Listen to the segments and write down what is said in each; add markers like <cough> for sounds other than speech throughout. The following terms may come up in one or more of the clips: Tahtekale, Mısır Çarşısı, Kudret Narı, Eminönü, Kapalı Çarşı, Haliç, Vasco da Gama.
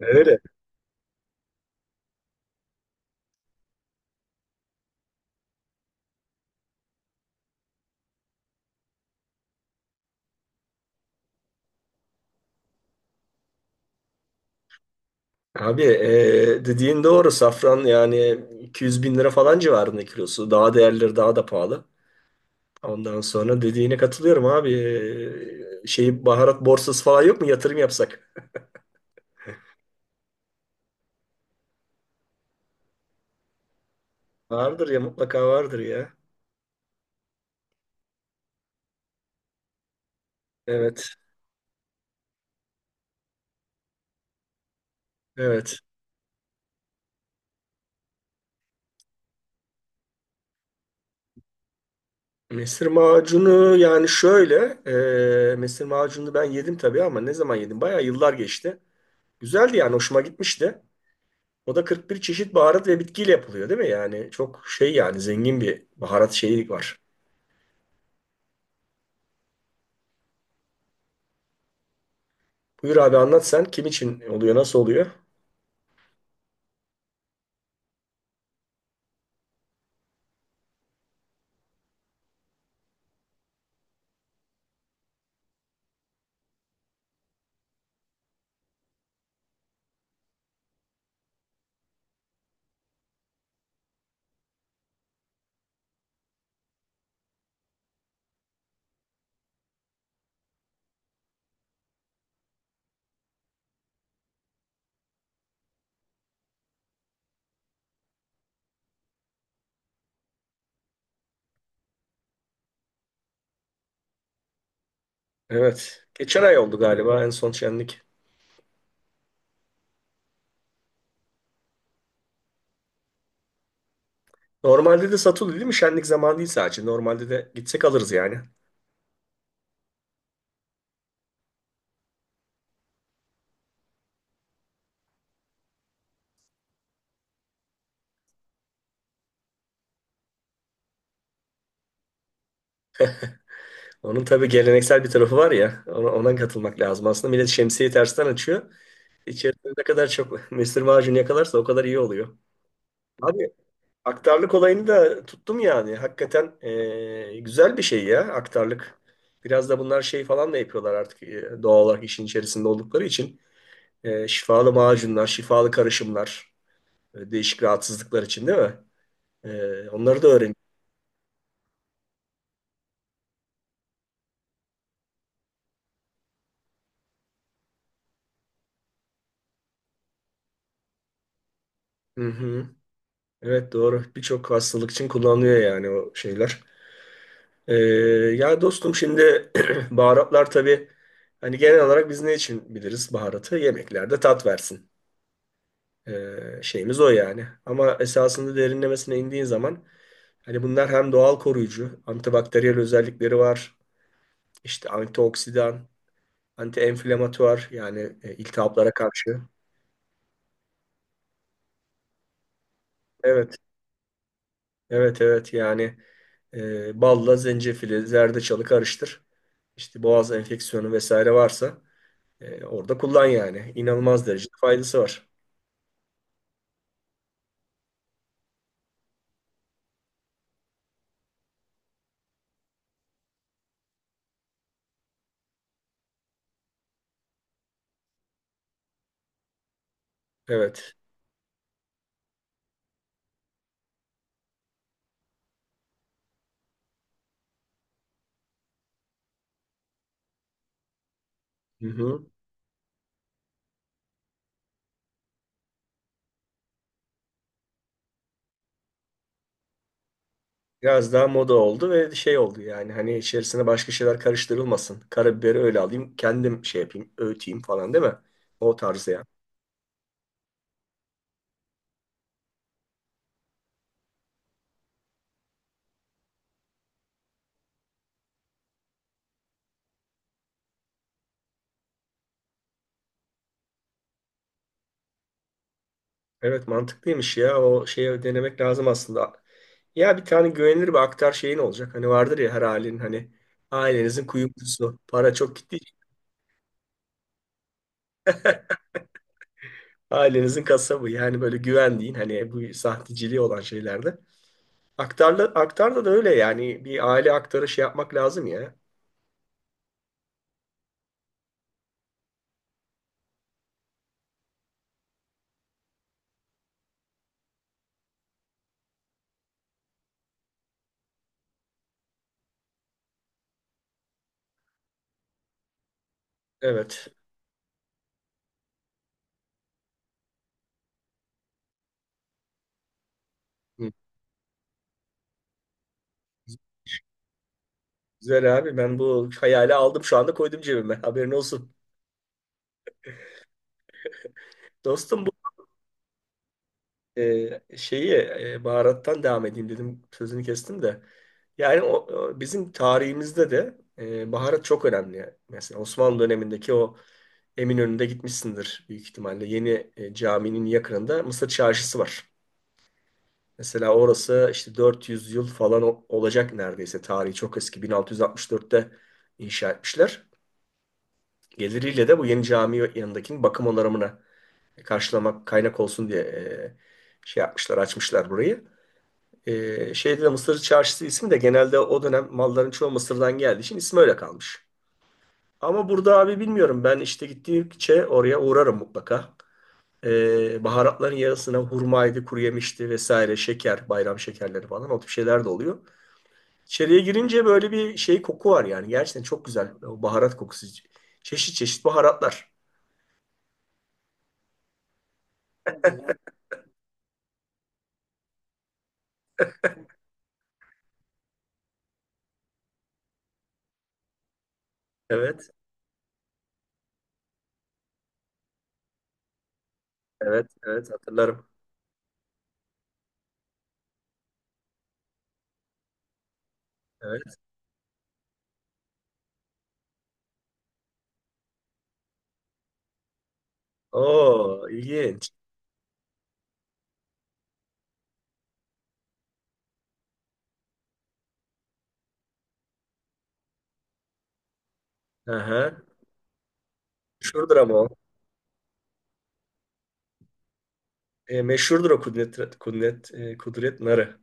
Öyle. Abi dediğin doğru. Safran yani 200.000 lira falan civarında kilosu. Daha değerleri daha da pahalı. Ondan sonra dediğine katılıyorum abi. Şey, baharat borsası falan yok mu? Yatırım yapsak. Vardır ya, mutlaka vardır ya. Evet. Evet. Mesir macunu yani şöyle. Mesir macunu ben yedim tabii ama ne zaman yedim? Bayağı yıllar geçti. Güzeldi, yani hoşuma gitmişti. O da 41 çeşit baharat ve bitkiyle yapılıyor, değil mi? Yani çok şey, yani zengin bir baharat şeyi var. Buyur abi, anlat sen. Kim için oluyor? Nasıl oluyor? Evet. Geçen ay oldu galiba en son şenlik. Normalde de satılıyor, değil mi? Şenlik zamanı değil sadece. Normalde de gitsek alırız yani. Onun tabii geleneksel bir tarafı var ya. Ona katılmak lazım. Aslında millet şemsiyeyi tersten açıyor. İçerisinde ne kadar çok <laughs> mesir macunu yakalarsa o kadar iyi oluyor. Abi, aktarlık olayını da tuttum yani. Hakikaten güzel bir şey ya aktarlık. Biraz da bunlar şey falan da yapıyorlar artık, doğal olarak işin içerisinde oldukları için. Şifalı macunlar, şifalı karışımlar, değişik rahatsızlıklar için, değil mi? Onları da öğren. Hı hı. Evet, doğru. Birçok hastalık için kullanılıyor yani, o şeyler. E, ya dostum, şimdi <clears throat> baharatlar tabii, hani genel olarak biz ne için biliriz baharatı? Yemeklerde tat versin. E, şeyimiz o yani. Ama esasında derinlemesine indiğin zaman, hani bunlar hem doğal koruyucu, antibakteriyel özellikleri var. İşte antioksidan, anti-enflamatuar, yani iltihaplara karşı. Evet, evet, evet. Yani balla zencefili, zerdeçalı karıştır. İşte boğaz enfeksiyonu vesaire varsa orada kullan yani. İnanılmaz derecede faydası var. Evet. Hı hı. Biraz daha moda oldu ve şey oldu yani, hani içerisine başka şeyler karıştırılmasın. Karabiberi öyle alayım, kendim şey yapayım, öğüteyim falan, değil mi? O tarzı. Evet, mantıklıymış ya. O şeyi denemek lazım aslında. Ya, bir tane güvenilir bir aktar şeyin olacak. Hani vardır ya, her ailenin, hani ailenizin kuyumcusu. Para çok gitti. Ailenizin kasabı. Yani böyle güvendiğin, hani bu sahteciliği olan şeylerde. Aktarla, aktarda da öyle yani. Bir aile aktarı şey yapmak lazım ya. Evet. Hı. Güzel abi, ben bu hayali aldım şu anda, koydum cebime. Haberin olsun. Dostum, şeyi, baharattan devam edeyim dedim, sözünü kestim de. Yani o bizim tarihimizde de baharat çok önemli. Mesela Osmanlı dönemindeki o Eminönü'nde gitmişsindir büyük ihtimalle. Yeni caminin yakınında Mısır Çarşısı var. Mesela orası işte 400 yıl falan olacak neredeyse. Tarihi çok eski. 1664'te inşa etmişler. Geliriyle de bu yeni cami yanındakinin bakım onarımına karşılamak kaynak olsun diye şey yapmışlar, açmışlar burayı. Şeyde de Mısır Çarşısı ismi de, genelde o dönem malların çoğu Mısır'dan geldiği için, ismi öyle kalmış. Ama burada abi, bilmiyorum, ben işte gittikçe oraya uğrarım mutlaka. Baharatların yarısına hurmaydı, kuru yemişti vesaire, şeker, bayram şekerleri falan, o tip şeyler de oluyor. İçeriye girince böyle bir şey koku var yani, gerçekten çok güzel o baharat kokusu. Çeşit çeşit baharatlar. Evet, evet, evet, hatırlarım. Evet. Oo, ilginç. Aha. Şuradır ama o. Meşhurdur o Kudret Narı.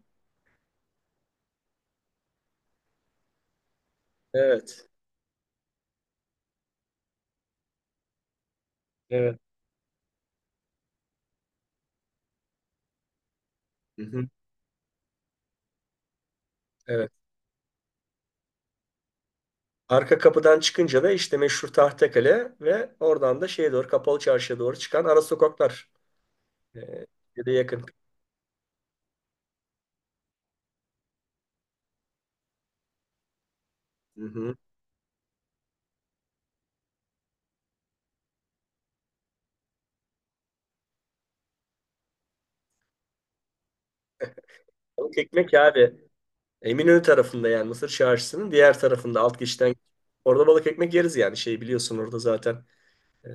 Evet. Evet. Hı hı. Evet. Arka kapıdan çıkınca da işte meşhur Tahtekale ve oradan da şeye doğru, Kapalı Çarşı'ya doğru çıkan ara sokaklar. E, ya da yakın. Hı hı. Balık ekmek abi. Eminönü tarafında, yani Mısır Çarşısı'nın diğer tarafında, alt geçitten. Orada balık ekmek yeriz yani, şey, biliyorsun orada zaten e,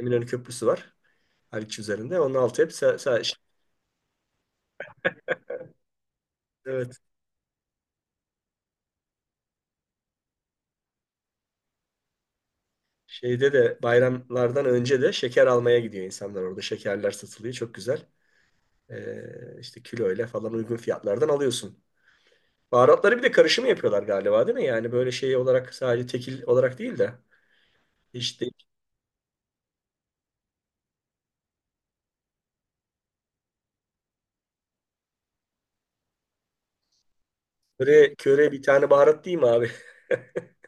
Eminönü Köprüsü var. Haliç üzerinde. Onun altı hep şey. Evet. Şeyde de bayramlardan önce de şeker almaya gidiyor insanlar orada. Şekerler satılıyor. Çok güzel. İşte kiloyla falan uygun fiyatlardan alıyorsun. Baharatları bir de karışımı yapıyorlar galiba, değil mi? Yani böyle şey olarak sadece tekil olarak değil de işte, köre, köre bir tane baharat değil mi abi? <laughs>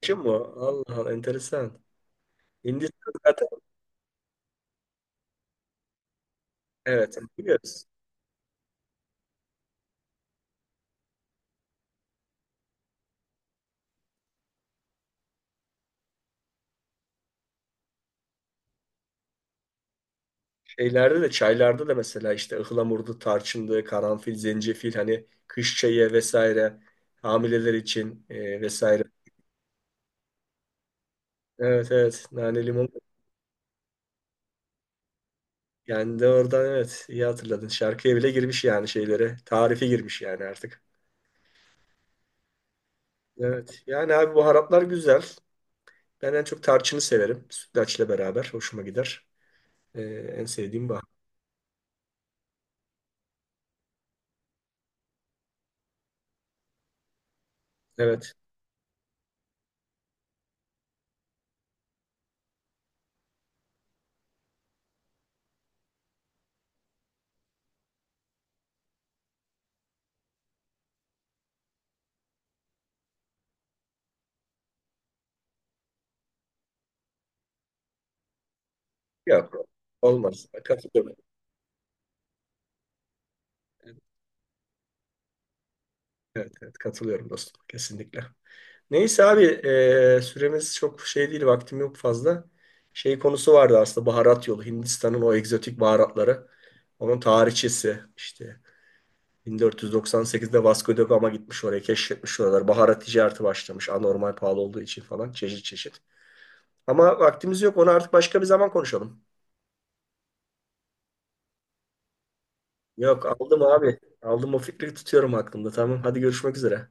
Karışım mı o? Allah Allah, enteresan. Hindistan zaten, evet, biliyoruz. Şeylerde de, çaylarda da mesela, işte ıhlamurdu, tarçındı, karanfil, zencefil, hani kış çayı vesaire, hamileler için, vesaire. Evet, evet. Nane limon. Yani de oradan, evet, iyi hatırladın. Şarkıya bile girmiş yani şeylere. Tarife girmiş yani artık. Evet. Yani abi, baharatlar güzel. Ben en çok tarçını severim. Sütlaçla beraber hoşuma gider. Ee, en sevdiğim bahar. Evet. Yok. Olmaz. Katılıyorum. Evet, evet, katılıyorum dostum. Kesinlikle. Neyse abi, süremiz çok şey değil. Vaktim yok fazla. Şey konusu vardı aslında, baharat yolu. Hindistan'ın o egzotik baharatları. Onun tarihçesi işte 1498'de Vasco da Gama gitmiş oraya, keşfetmiş oralar. Baharat ticareti başlamış, anormal pahalı olduğu için falan, çeşit çeşit. Ama vaktimiz yok, onu artık başka bir zaman konuşalım. Yok, aldım abi. Aldım o fikri, tutuyorum aklımda. Tamam, hadi görüşmek üzere.